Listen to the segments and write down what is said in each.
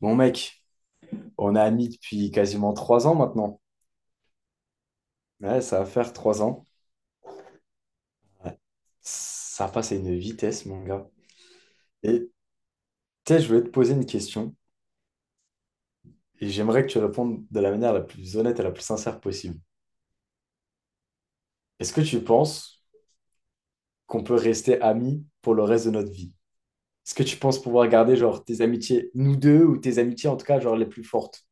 Bon mec, on est amis depuis quasiment 3 ans maintenant. Ouais, ça va faire 3 ans. Ouais. Ça passe à une vitesse, mon gars. Et tu sais, je voulais te poser une question et j'aimerais que tu répondes de la manière la plus honnête et la plus sincère possible. Est-ce que tu penses qu'on peut rester amis pour le reste de notre vie? Est-ce que tu penses pouvoir garder genre tes amitiés, nous deux, ou tes amitiés en tout cas, genre les plus fortes?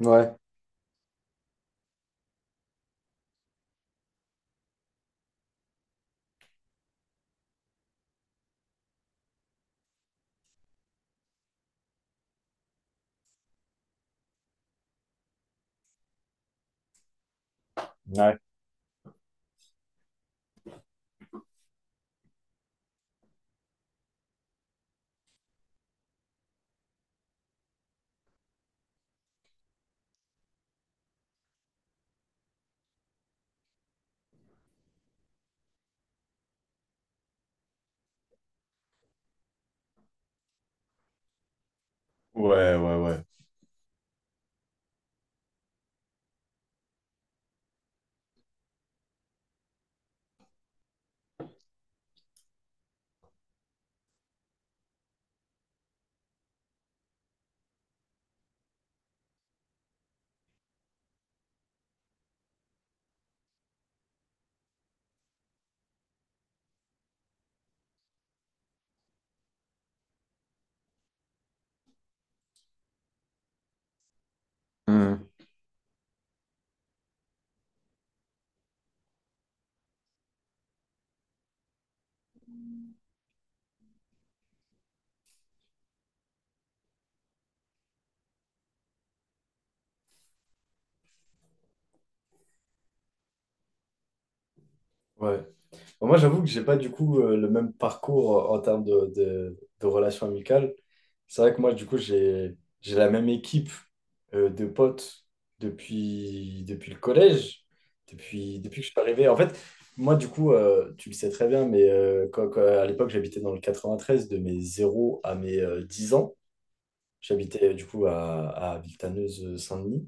Ouais. Ouais. Ouais. Ouais. Hmm. Ouais. Bon, moi, j'avoue que j'ai pas du coup le même parcours en termes de relations amicales. C'est vrai que moi, du coup, j'ai la même équipe de potes depuis le collège, depuis que je suis arrivé. En fait, moi, du coup, tu le sais très bien, mais à l'époque, j'habitais dans le 93, de mes zéro à mes 10 ans. J'habitais du coup à Villetaneuse-Saint-Denis.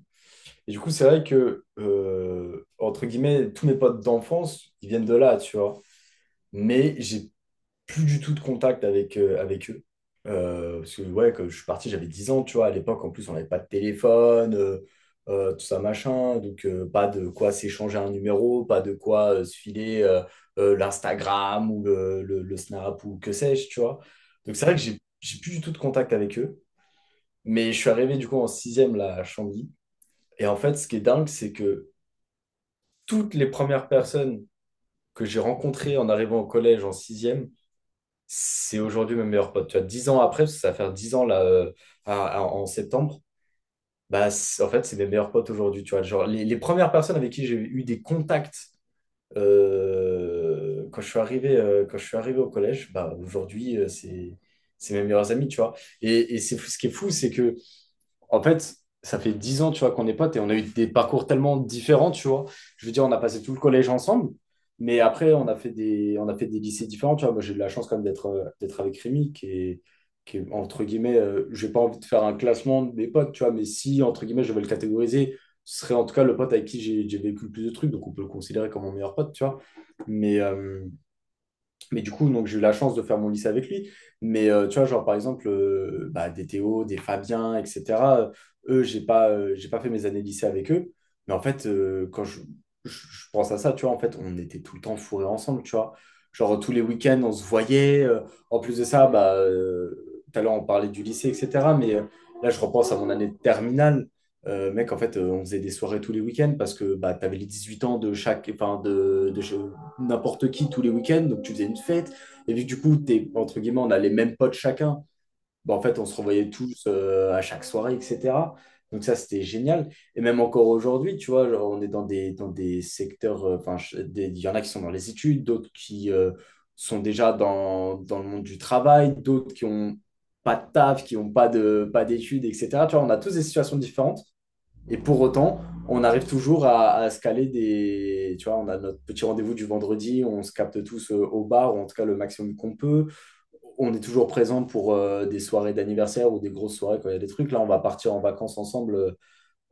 Et du coup, c'est vrai que, entre guillemets, tous mes potes d'enfance, ils viennent de là, tu vois, mais j'ai plus du tout de contact avec, avec eux. Parce que, ouais, quand je suis parti, j'avais 10 ans, tu vois. À l'époque, en plus, on n'avait pas de téléphone, tout ça, machin. Donc, pas de quoi s'échanger un numéro, pas de quoi se filer l'Instagram ou le Snap ou que sais-je, tu vois. Donc, c'est vrai que j'ai plus du tout de contact avec eux. Mais je suis arrivé, du coup, en sixième, là, à Chantilly. Et en fait, ce qui est dingue, c'est que toutes les premières personnes que j'ai rencontrées en arrivant au collège en sixième, c'est aujourd'hui mon meilleur pote. Tu vois, 10 ans après, parce que ça va faire 10 ans là, en septembre, en fait, c'est mes meilleurs potes aujourd'hui. Tu vois, genre, les premières personnes avec qui j'ai eu des contacts quand je suis arrivé au collège, bah, aujourd'hui, c'est mes meilleurs amis, tu vois. Et ce qui est fou, c'est que en fait, ça fait 10 ans, tu vois, qu'on est potes et on a eu des parcours tellement différents, tu vois. Je veux dire, on a passé tout le collège ensemble, mais après, on a fait on a fait des lycées différents, tu vois. Moi, j'ai eu de la chance quand même d'être avec Rémi, qui est, entre guillemets, j'ai pas envie de faire un classement de mes potes, tu vois, mais si, entre guillemets, je vais le catégoriser, ce serait en tout cas le pote avec qui j'ai vécu le plus de trucs, donc on peut le considérer comme mon meilleur pote, tu vois. Mais, euh, mais du coup, donc, j'ai eu la chance de faire mon lycée avec lui. Mais tu vois, genre par exemple, des Théo, des Fabien, etc. euh, Eux, j'ai pas fait mes années lycée avec eux. Mais en fait, je pense à ça, tu vois, en fait, on était tout le temps fourrés ensemble, tu vois. Genre tous les week-ends, on se voyait. En plus de ça, tout à l'heure, on parlait du lycée, etc. Mais là, je repense à mon année de terminale. Mec, en fait, on faisait des soirées tous les week-ends parce que bah, tu avais les 8 ans de chaque, n'importe qui tous les week-ends, donc tu faisais une fête. Et vu que du coup, t'es, entre guillemets, on a les mêmes potes chacun, bah, en fait, on se revoyait tous à chaque soirée, etc. Donc ça, c'était génial. Et même encore aujourd'hui, tu vois, genre, on est dans des secteurs, il y en a qui sont dans les études, d'autres qui sont déjà dans le monde du travail, d'autres qui ont pas de taf, qui n'ont pas pas d'études, etc. Tu vois, on a tous des situations différentes. Et pour autant, on arrive toujours à se caler des. Tu vois, on a notre petit rendez-vous du vendredi, on se capte tous au bar, ou en tout cas le maximum qu'on peut. On est toujours présent pour des soirées d'anniversaire ou des grosses soirées quand il y a des trucs. Là, on va partir en vacances ensemble, euh,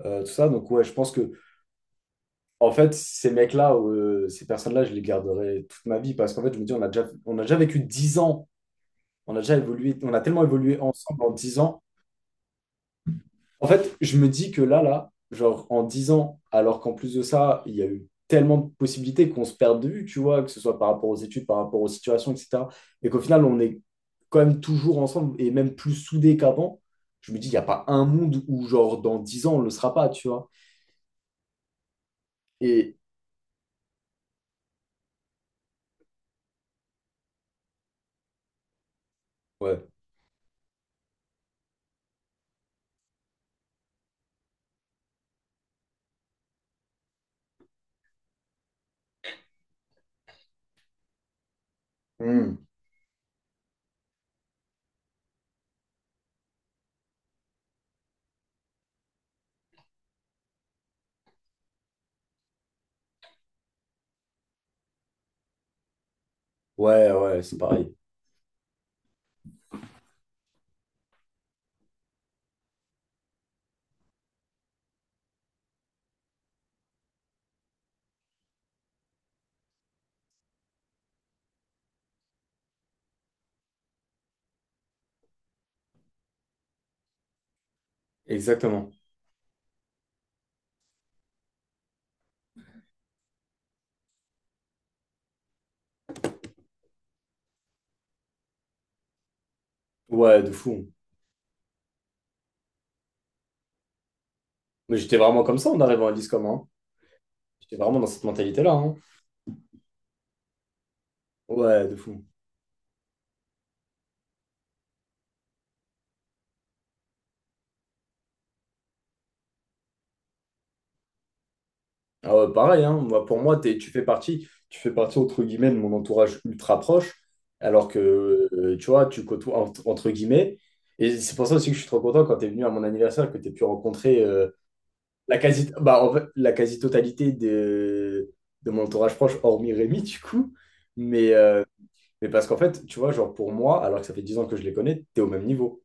euh, tout ça. Donc, ouais, je pense que, en fait, ces mecs-là, ces personnes-là, je les garderai toute ma vie parce qu'en fait, je me dis, on a déjà vécu 10 ans, on a déjà évolué, on a tellement évolué ensemble en 10 ans. En fait, je me dis que là, genre en 10 ans, alors qu'en plus de ça, il y a eu tellement de possibilités qu'on se perd de vue, tu vois, que ce soit par rapport aux études, par rapport aux situations, etc. Et qu'au final, on est quand même toujours ensemble et même plus soudés qu'avant. Je me dis, il n'y a pas un monde où, genre, dans 10 ans, on ne le sera pas, tu vois. Et ouais. Hmm. Ouais, ouais, c'est pareil. Exactement. Ouais, de fou. Mais j'étais vraiment comme ça en arrivant à l'ISCOM, hein. J'étais vraiment dans cette mentalité-là, hein. Ouais, de fou. Ah ouais, pareil, hein. Moi, pour moi, tu fais partie entre guillemets de mon entourage ultra proche, alors que tu vois, tu côtoies entre guillemets. Et c'est pour ça aussi que je suis trop content quand tu es venu à mon anniversaire, que tu aies pu rencontrer en fait, la quasi-totalité de mon entourage proche, hormis Rémi, du coup. Mais, euh, mais parce qu'en fait, tu vois, genre pour moi, alors que ça fait 10 ans que je les connais, tu es au même niveau.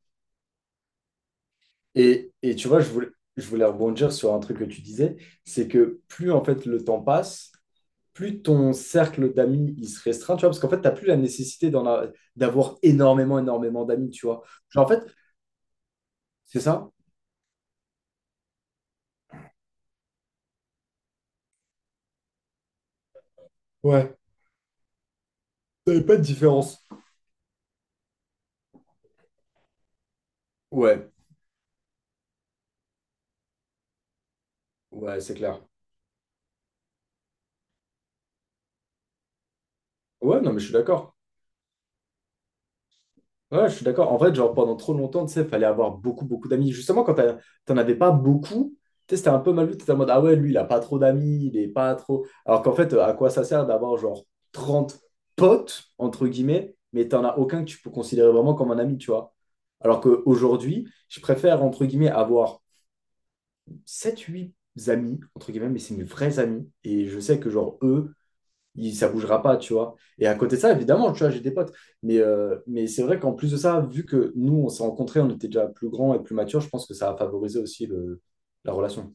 Et tu vois, je voulais rebondir sur un truc que tu disais, c'est que plus en fait le temps passe, plus ton cercle d'amis il se restreint, tu vois, parce qu'en fait, t'as plus la nécessité d'avoir énormément, énormément d'amis, tu vois. Genre, en fait, c'est ça? Ouais. T'avais pas de différence. Ouais, ouais, c'est clair. Ouais, non, mais je suis d'accord. Ouais, je suis d'accord. En fait, genre, pendant trop longtemps, tu sais, fallait avoir beaucoup, beaucoup d'amis. Justement, t'en avais pas beaucoup, tu sais, c'était un peu mal vu. T'étais en mode, ah ouais, lui, il a pas trop d'amis, il est pas trop. Alors qu'en fait, à quoi ça sert d'avoir, genre, 30 potes, entre guillemets, mais t'en as aucun que tu peux considérer vraiment comme un ami, tu vois. Alors qu'aujourd'hui, je préfère, entre guillemets, avoir 7 8 amis, entre guillemets, mais c'est mes vrais amis. Et je sais que, genre, eux, il, ça bougera pas, tu vois. Et à côté de ça, évidemment, tu vois, j'ai des potes. Mais c'est vrai qu'en plus de ça, vu que nous, on s'est rencontrés, on était déjà plus grands et plus matures, je pense que ça a favorisé aussi la relation.